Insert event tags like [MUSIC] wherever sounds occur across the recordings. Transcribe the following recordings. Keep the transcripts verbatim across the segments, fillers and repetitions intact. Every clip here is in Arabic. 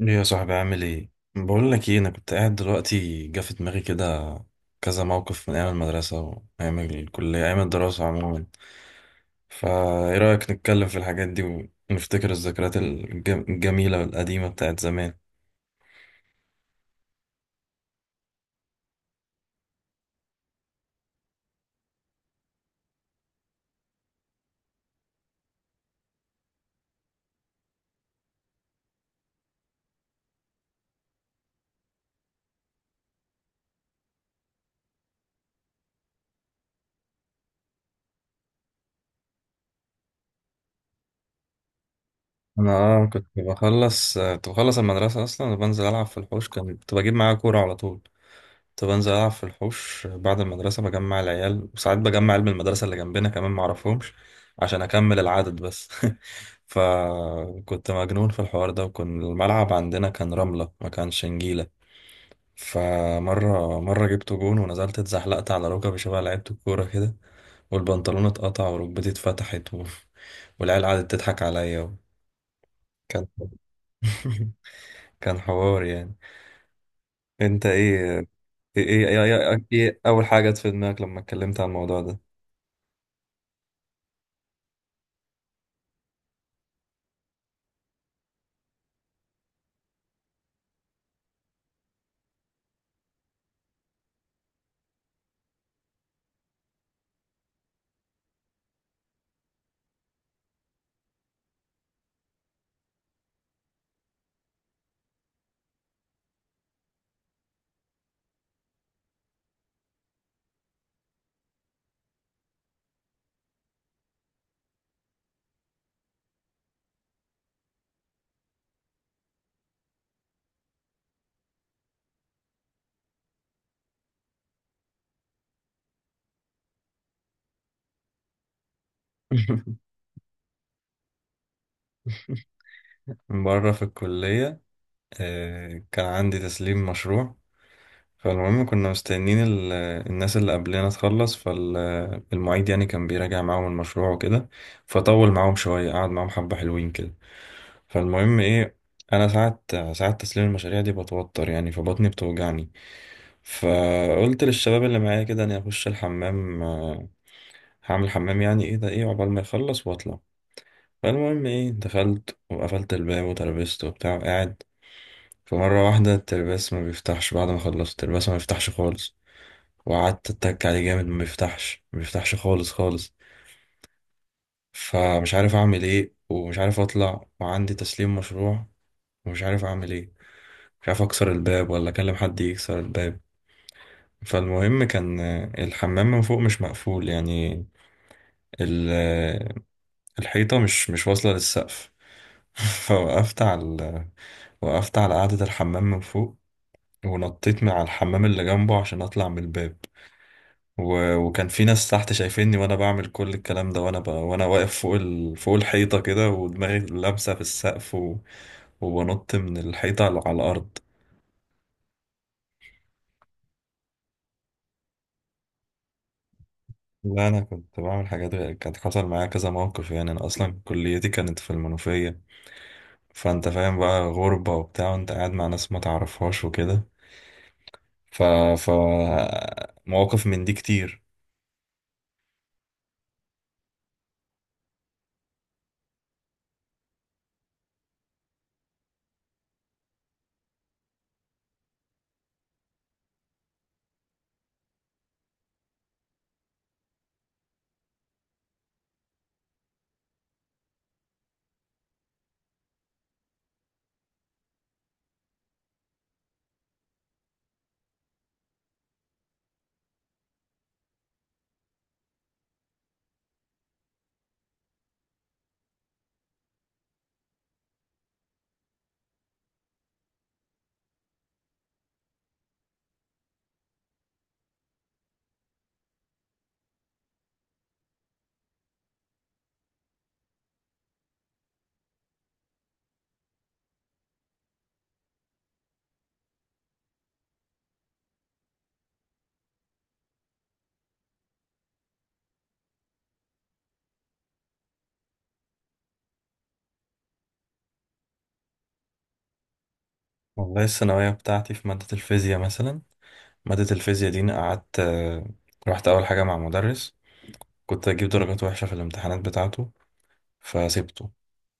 ايه يا صاحبي، عامل ايه؟ بقول لك ايه، انا كنت قاعد دلوقتي جه في دماغي كده كذا موقف من ايام المدرسه وايام الكليه، ايام الدراسه عموما. فايه رايك نتكلم في الحاجات دي ونفتكر الذكريات الج- الجميله القديمه بتاعت زمان؟ انا اه كنت بخلص كنت بخلص المدرسه اصلا وبنزل العب في الحوش. كان كنت بجيب معايا كوره على طول. كنت بنزل ألعب في الحوش بعد المدرسة، بجمع العيال وساعات بجمع عيال من المدرسة اللي جنبنا كمان معرفهمش، عشان أكمل العدد بس. [LAUGHS] فكنت مجنون في الحوار ده، وكان الملعب عندنا كان رملة ما كانش نجيلة. فمرة مرة جبت جون ونزلت اتزحلقت على ركبي شبه لعيبة الكورة كده، والبنطلون اتقطع وركبتي اتفتحت و... [LAUGHS] والعيال قعدت تضحك عليا و... كان [LAUGHS] كان حوار يعني. انت ايه؟ ايه ايه, ايه, ايه, ايه إيه اول حاجة جت في دماغك لما اتكلمت عن الموضوع ده؟ [LAUGHS] مرة في الكلية آه، كان عندي تسليم مشروع. فالمهم كنا مستنيين ال- الناس اللي قبلنا تخلص، فالمعيد يعني كان بيراجع معاهم المشروع وكده، فطول معاهم شوية، قعد معاهم حبة حلوين كده. فالمهم ايه، انا ساعة ساعة تسليم المشاريع دي بتوتر يعني فبطني بتوجعني. فقلت للشباب اللي معايا كده اني اخش الحمام، آه، هعمل حمام يعني، ايه ده، ايه عقبال ما يخلص واطلع. فالمهم ايه، دخلت وقفلت الباب وتربست وبتاع قاعد. فمرة واحدة الترباس ما بيفتحش، بعد ما خلصت الترباس ما بيفتحش خالص، وقعدت اتك عليه جامد ما بيفتحش ما بيفتحش خالص خالص. فمش عارف اعمل ايه ومش عارف اطلع، وعندي تسليم مشروع، ومش عارف اعمل ايه، مش عارف اكسر الباب ولا اكلم حد يكسر الباب. فالمهم كان آه، الحمام من فوق مش مقفول يعني، ال- آه، الحيطة مش مش واصلة للسقف. [LAUGHS] فوقفت على وقفت على قاعدة الحمام من فوق، ونطيت من على الحمام اللي جنبه عشان اطلع من الباب، و... وكان في ناس تحت شايفيني وانا بعمل كل الكلام ده، وانا ب... وانا واقف فوق ال... فوق الحيطه كده ودماغي لابسه في السقف، و... وبنط من الحيطه على على الارض. لا، انا كنت بعمل حاجات غ- كانت حصل معايا كذا موقف يعني. انا اصلا كليتي كانت في المنوفيه، فانت فاهم بقى غربه وبتاع، وانت قاعد مع ناس ما تعرفهاش وكده. ف... ف مواقف من دي كتير. والله الثانويه بتاعتي في ماده الفيزياء مثلا، ماده الفيزياء دي أنا قعدت آه، رحت اول حاجه مع مدرس، كنت اجيب درجات وحشة في الامتحانات بتاعته فسيبته،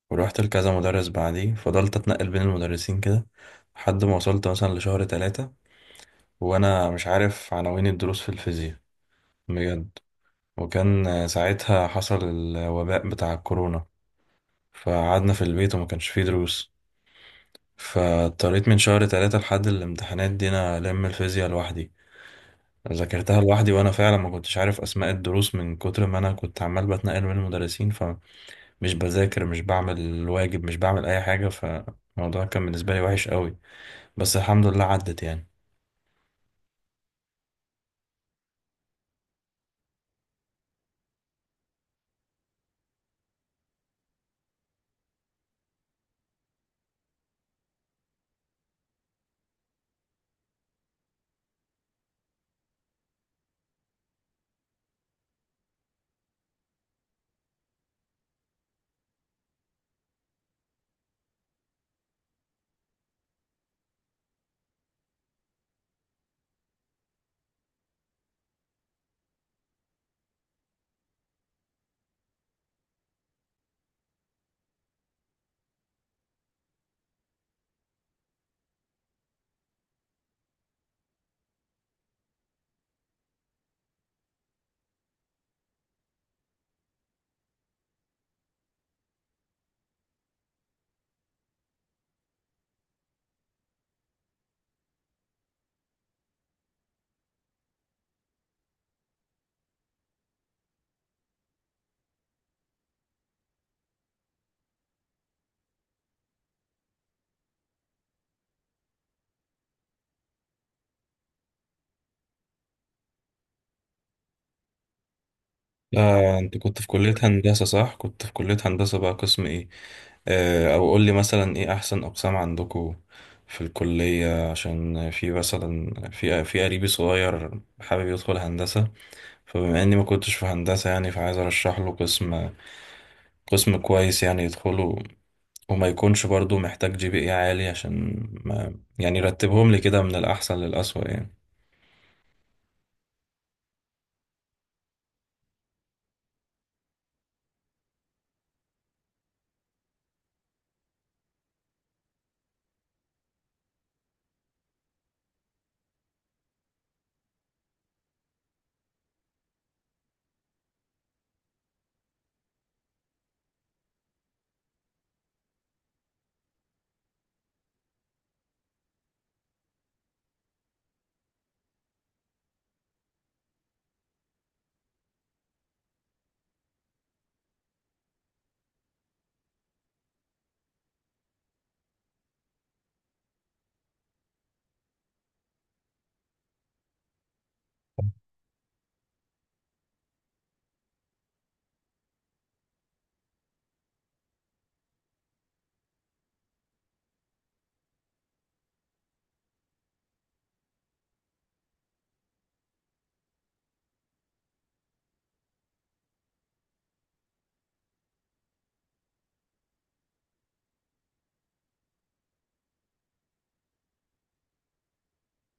ورحت لكذا مدرس بعديه، فضلت اتنقل بين المدرسين كده لحد ما وصلت مثلا لشهر تلاتة وانا مش عارف عناوين الدروس في الفيزياء، بجد. وكان آه، ساعتها حصل الوباء بتاع الكورونا، فقعدنا في البيت وما كانش فيه دروس، فاضطريت من شهر تلاتة لحد الامتحانات دي انا الم الفيزياء لوحدي، ذاكرتها لوحدي، وانا فعلا ما كنتش عارف اسماء الدروس من كتر ما انا كنت عمال بتنقل بين المدرسين، مش بذاكر مش بعمل الواجب مش بعمل اي حاجة. فالموضوع كان بالنسبة لي وحش قوي، بس الحمد لله عدت يعني. آه، انت كنت في كلية هندسة صح؟ كنت في كلية هندسة بقى قسم ايه؟ آه، او قول لي مثلا ايه احسن اقسام عندكم في الكلية، عشان في مثلا في في قريبي صغير حابب يدخل هندسة، فبما اني ما كنتش في هندسة يعني فعايز ارشح له قسم قسم كويس يعني يدخله، وما يكونش برضو محتاج جي بي اي عالي، عشان ما، يعني، رتبهم لي كده من الأحسن للأسوأ يعني.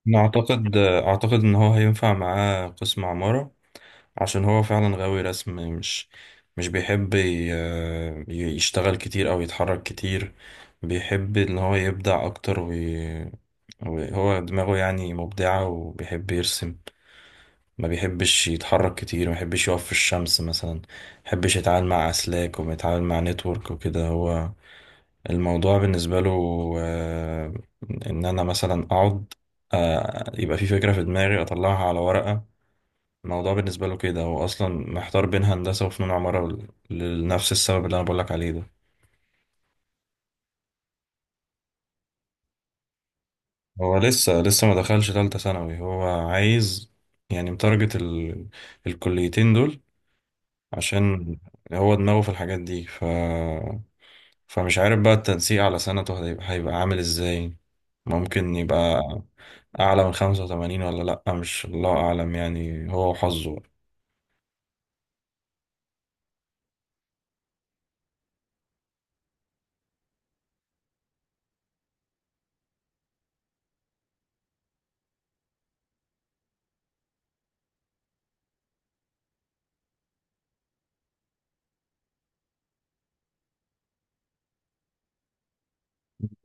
أنا أعتقد أعتقد إن هو هينفع معاه قسم عمارة، عشان هو فعلا غاوي رسم، مش مش بيحب ي- ي- يشتغل كتير أو يتحرك كتير. بيحب إن هو يبدع أكتر، وي- وهو دماغه يعني مبدعة وبيحب يرسم، ما بيحبش يتحرك كتير، ما بيحبش يقف في الشمس مثلا، ما بيحبش يتعامل مع أسلاك وما يتعامل مع نتورك وكده. هو الموضوع بالنسبة له آه، إن أنا مثلا أقعد، آه، يبقى في فكرة في دماغي أطلعها على ورقة. الموضوع بالنسبة له كده، هو أصلا محتار بين هندسة وفنون عمارة، ل- لنفس السبب اللي أنا بقولك عليه ده. هو لسه لسه ما دخلش تالتة ثانوي، هو عايز يعني متارجت ال... الكليتين دول عشان هو دماغه في الحاجات دي. ف فمش عارف بقى التنسيق على سنته هيبقى هيبقى عامل ازاي. ممكن يبقى أعلى من خمسة وتمانين ولا لأ، مش الله أعلم يعني، هو وحظه.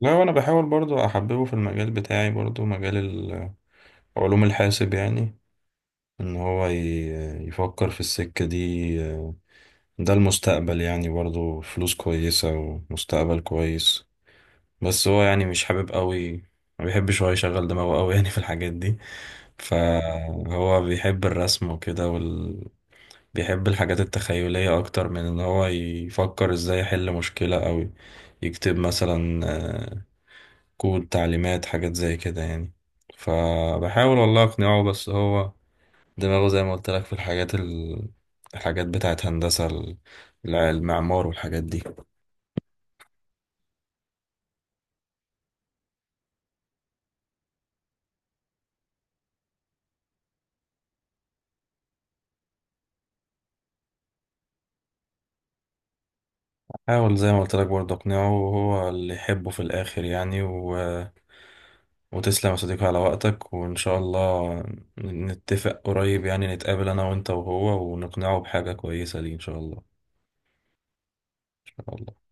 لا، وأنا بحاول برضو أحببه في المجال بتاعي، برضو مجال ال- علوم الحاسب يعني، إن هو ي- يفكر في السكة دي. ده المستقبل يعني برضو، فلوس كويسة ومستقبل كويس. بس هو يعني مش حابب قوي، ما بيحبش هو يشغل دماغه قوي يعني في الحاجات دي، فهو بيحب الرسم وكده، بيحب الحاجات التخيلية أكتر من إن هو يفكر إزاي يحل مشكلة، أو يكتب مثلا كود تعليمات، حاجات زي كده يعني. فبحاول والله أقنعه، بس هو دماغه زي ما قلت لك في الحاجات، ال... الحاجات بتاعت هندسة، ال- الع- المعمار والحاجات دي. حاول زي ما قلت لك برضه أقنعه، وهو اللي يحبه في الآخر يعني، و... وتسلم يا صديقي على وقتك، وإن شاء الله نتفق قريب يعني، نتقابل أنا وأنت وهو ونقنعه بحاجة كويسة ليه إن شاء الله. إن شاء الله.